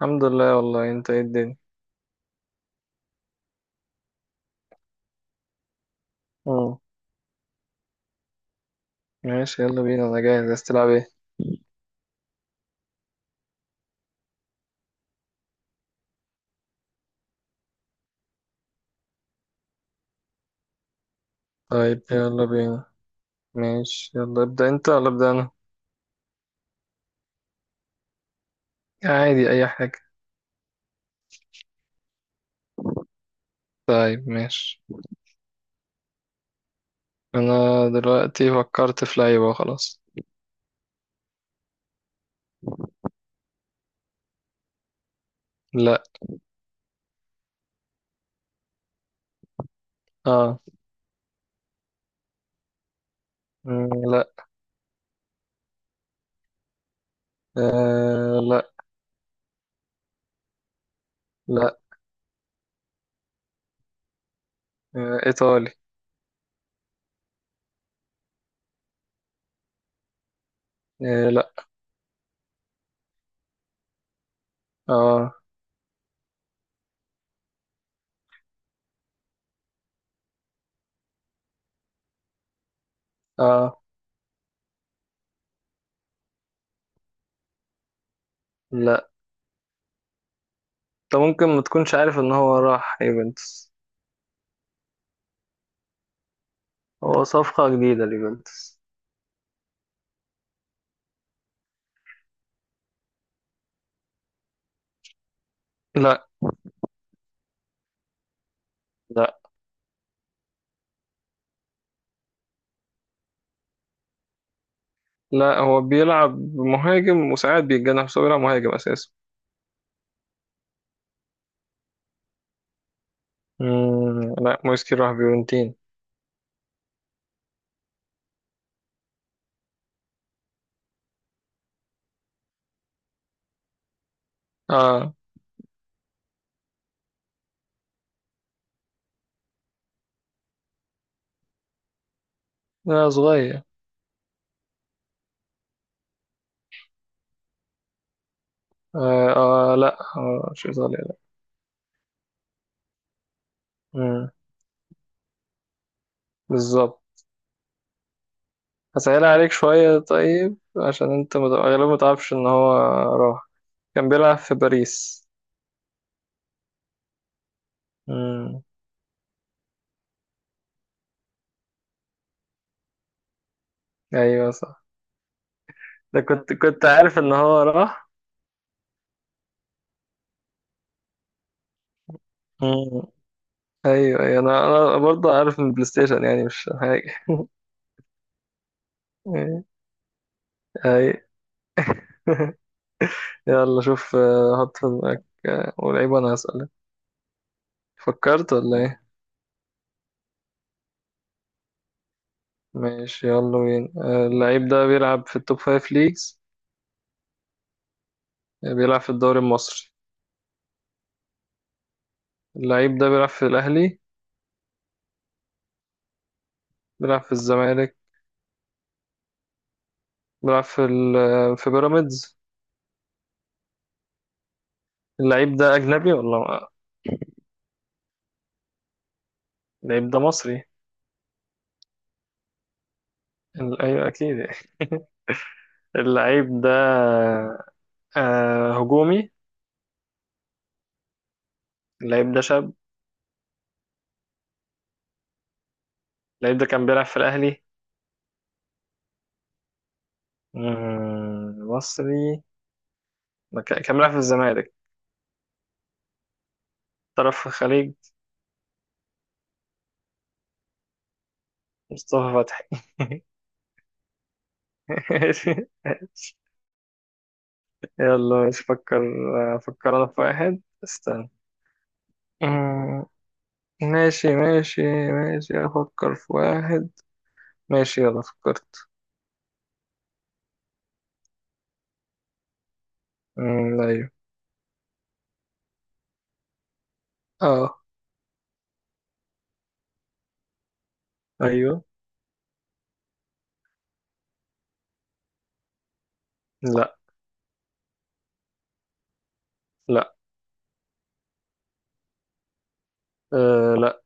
الحمد لله، والله انت ايه الدنيا؟ اه، ماشي، يلا بينا، انا جاهز، عايز تلعب ايه؟ طيب، يلا بينا. ماشي، يلا، ابدأ انت ولا ابدأ انا؟ عادي، اي حاجة. طيب، ماشي. انا دلوقتي فكرت في لعيبة، خلاص. لا. اه. مم، لا. آه. لا. لا. آه. ايطالي. آه. لا. اه، اه، لا. انت ممكن ما تكونش عارف ان هو راح يوفنتوس. هو صفقة جديدة ليوفنتوس. لا. لا، لا، هو بيلعب مهاجم وساعات بيتجنح، بس هو بيلعب مهاجم اساسا. مم. لا، مويس راح فيورنتين. اه. لا، صغير. آه, اه، لا، آه مش ايطاليا، لا. مم. بالظبط. هسهل عليك شوية، طيب عشان انت غالبا ما تعرفش ان هو راح. كان بيلعب في باريس. مم. ايوه صح. ده كنت عارف ان هو راح. مم. ايوه، ايوه، انا برضه عارف من البلاي ستيشن، يعني مش حاجة. ايوه. يلا شوف، حط في دماغك ولعيب وأنا هسألك. فكرت ولا إيه؟ ماشي يلا بينا، اللعيب ده بيلعب في التوب فايف ليجز؟ بيلعب في الدوري المصري؟ اللعيب ده بيلعب في الأهلي؟ بيلعب في الزمالك؟ بيلعب في ال آه، في بيراميدز؟ اللعيب ده أجنبي ولا؟ اللعيب ده مصري؟ أيوة، أكيد. اللعيب ده هجومي؟ اللعيب ده شاب؟ اللعيب ده كان بيلعب في الأهلي؟ مصري، ما كان بيلعب في الزمالك. طرف الخليج. مصطفى فتحي. ماشي ماشي. يلا مش فكر، فكر انا في واحد، استنى. أمم، ماشي، ماشي. ماشي افكر في واحد. ماشي، يلا فكرت. ايوه. اه. ايوه. لا، لا، أه، لا.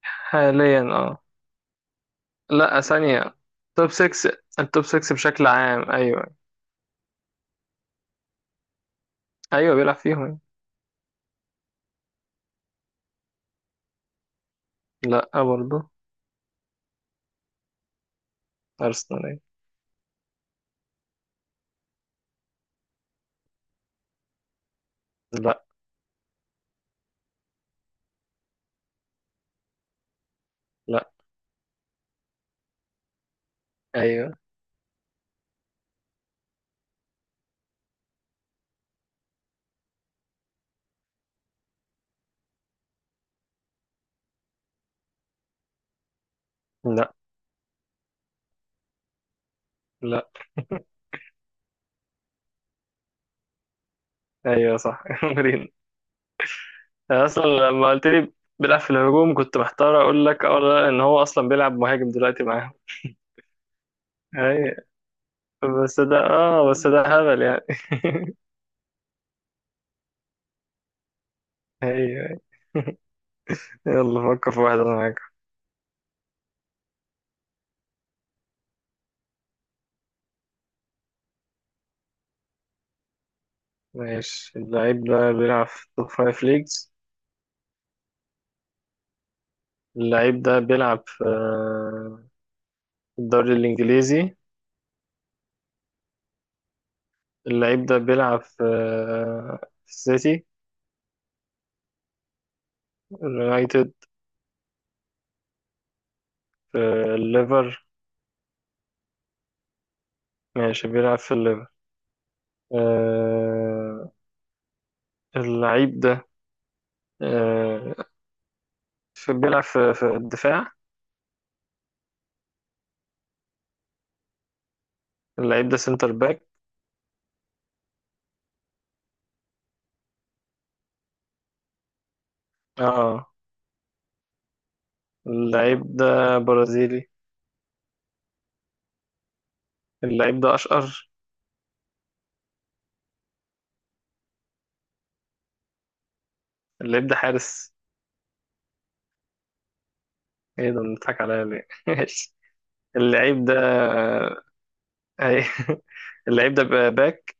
حاليا، اه. لا، ثانية. توب 6. التوب 6 بشكل عام، ايوه. ايوه، بيلعب فيهم. لا برضه. ارسنال، أيوة. لا. لا، ايوه، لا، لا. ايوه صح. انا اصلا لما قلت لي بيلعب في الهجوم، كنت محتار اقول لك اه ولا لا، ان هو اصلا بيلعب مهاجم دلوقتي معاهم. اي، بس ده هبل يعني. ايوه. يلا فكر في واحد، انا معاك. ماشي، اللعيب ده بيلعب في توب فايف ليجز؟ اللعيب ده بيلعب في الدوري الانجليزي؟ اللعيب ده بيلعب في السيتي؟ اليونايتد؟ في الليفر؟ ماشي، بيلعب في الليفر. آه، اللعيب ده آه، في بيلعب في الدفاع. اللعيب ده سنتر باك؟ اه. اللعيب ده برازيلي؟ اللعيب ده اشقر؟ اللعيب ده حارس؟ ايه ده؟ بنضحك عليا ليه؟ ماشي. اللعيب ده، اي. اللعيب ده بقى باك؟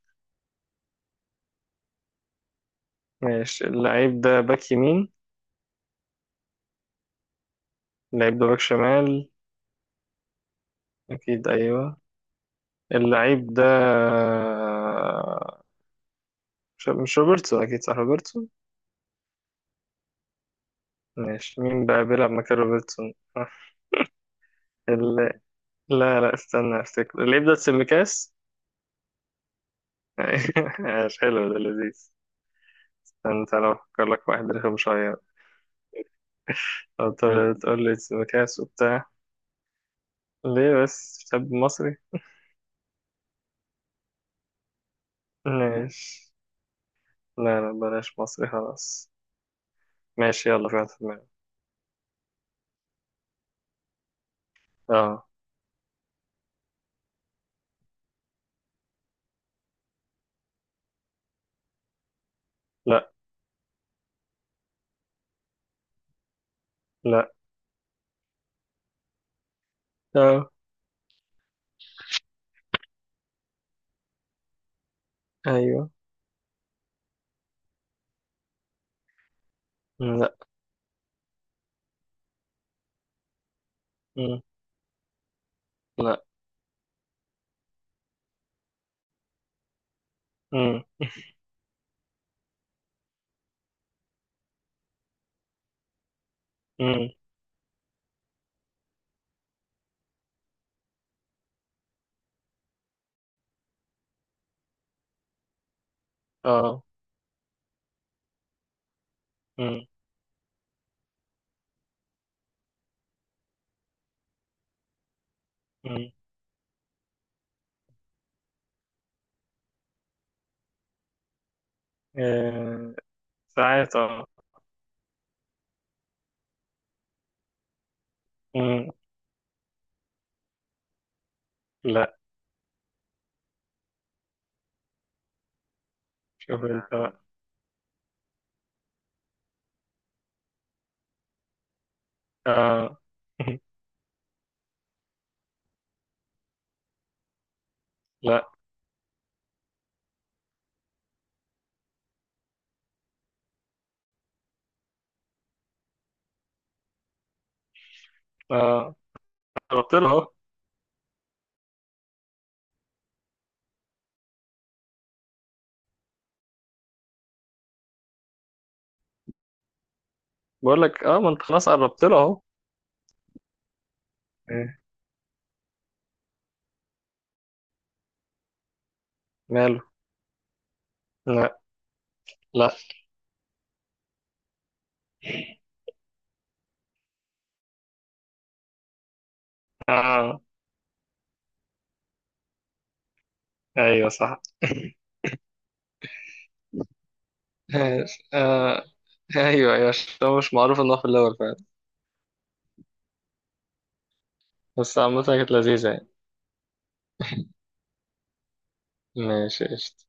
ماشي، اللعيب ده باك يمين؟ اللعيب ده باك شمال؟ اكيد، ايوه. اللعيب ده مش روبرتسون، اكيد صح، روبرتسون؟ ماشي، مين بقى بيلعب مكان روبرتسون؟ ال- لا، لا، استنى، افتكر اللعيب ده سيميكاس. ماشي، حلو، ده لذيذ. استنى تعالى أفكر لك واحد رخم شوية. مم. تقول لي مكاس وبتاع. ليه بس؟ شاب مصري. ماشي. لا، لا، بلاش مصري، خلاص. ماشي، يلا، في واحد في دماغي. اه. لا، لا، اه، ايوه. مم، لا. مم، لا. مم، مم، اه، مم، مم. آه، ساعات، اه. مم، لا. شوف انت بقى. اه. لا، اه، قربت له اهو. بقول لك اه، ما انت خلاص قربت له اهو. ماله. لا، لا. آه. ايوه صح. ماشي. آه. ايوه، ايوه، عشان هو مش معروف انه في الاول فعلا. بس عامة كانت لذيذة يعني. ماشي، قشطة.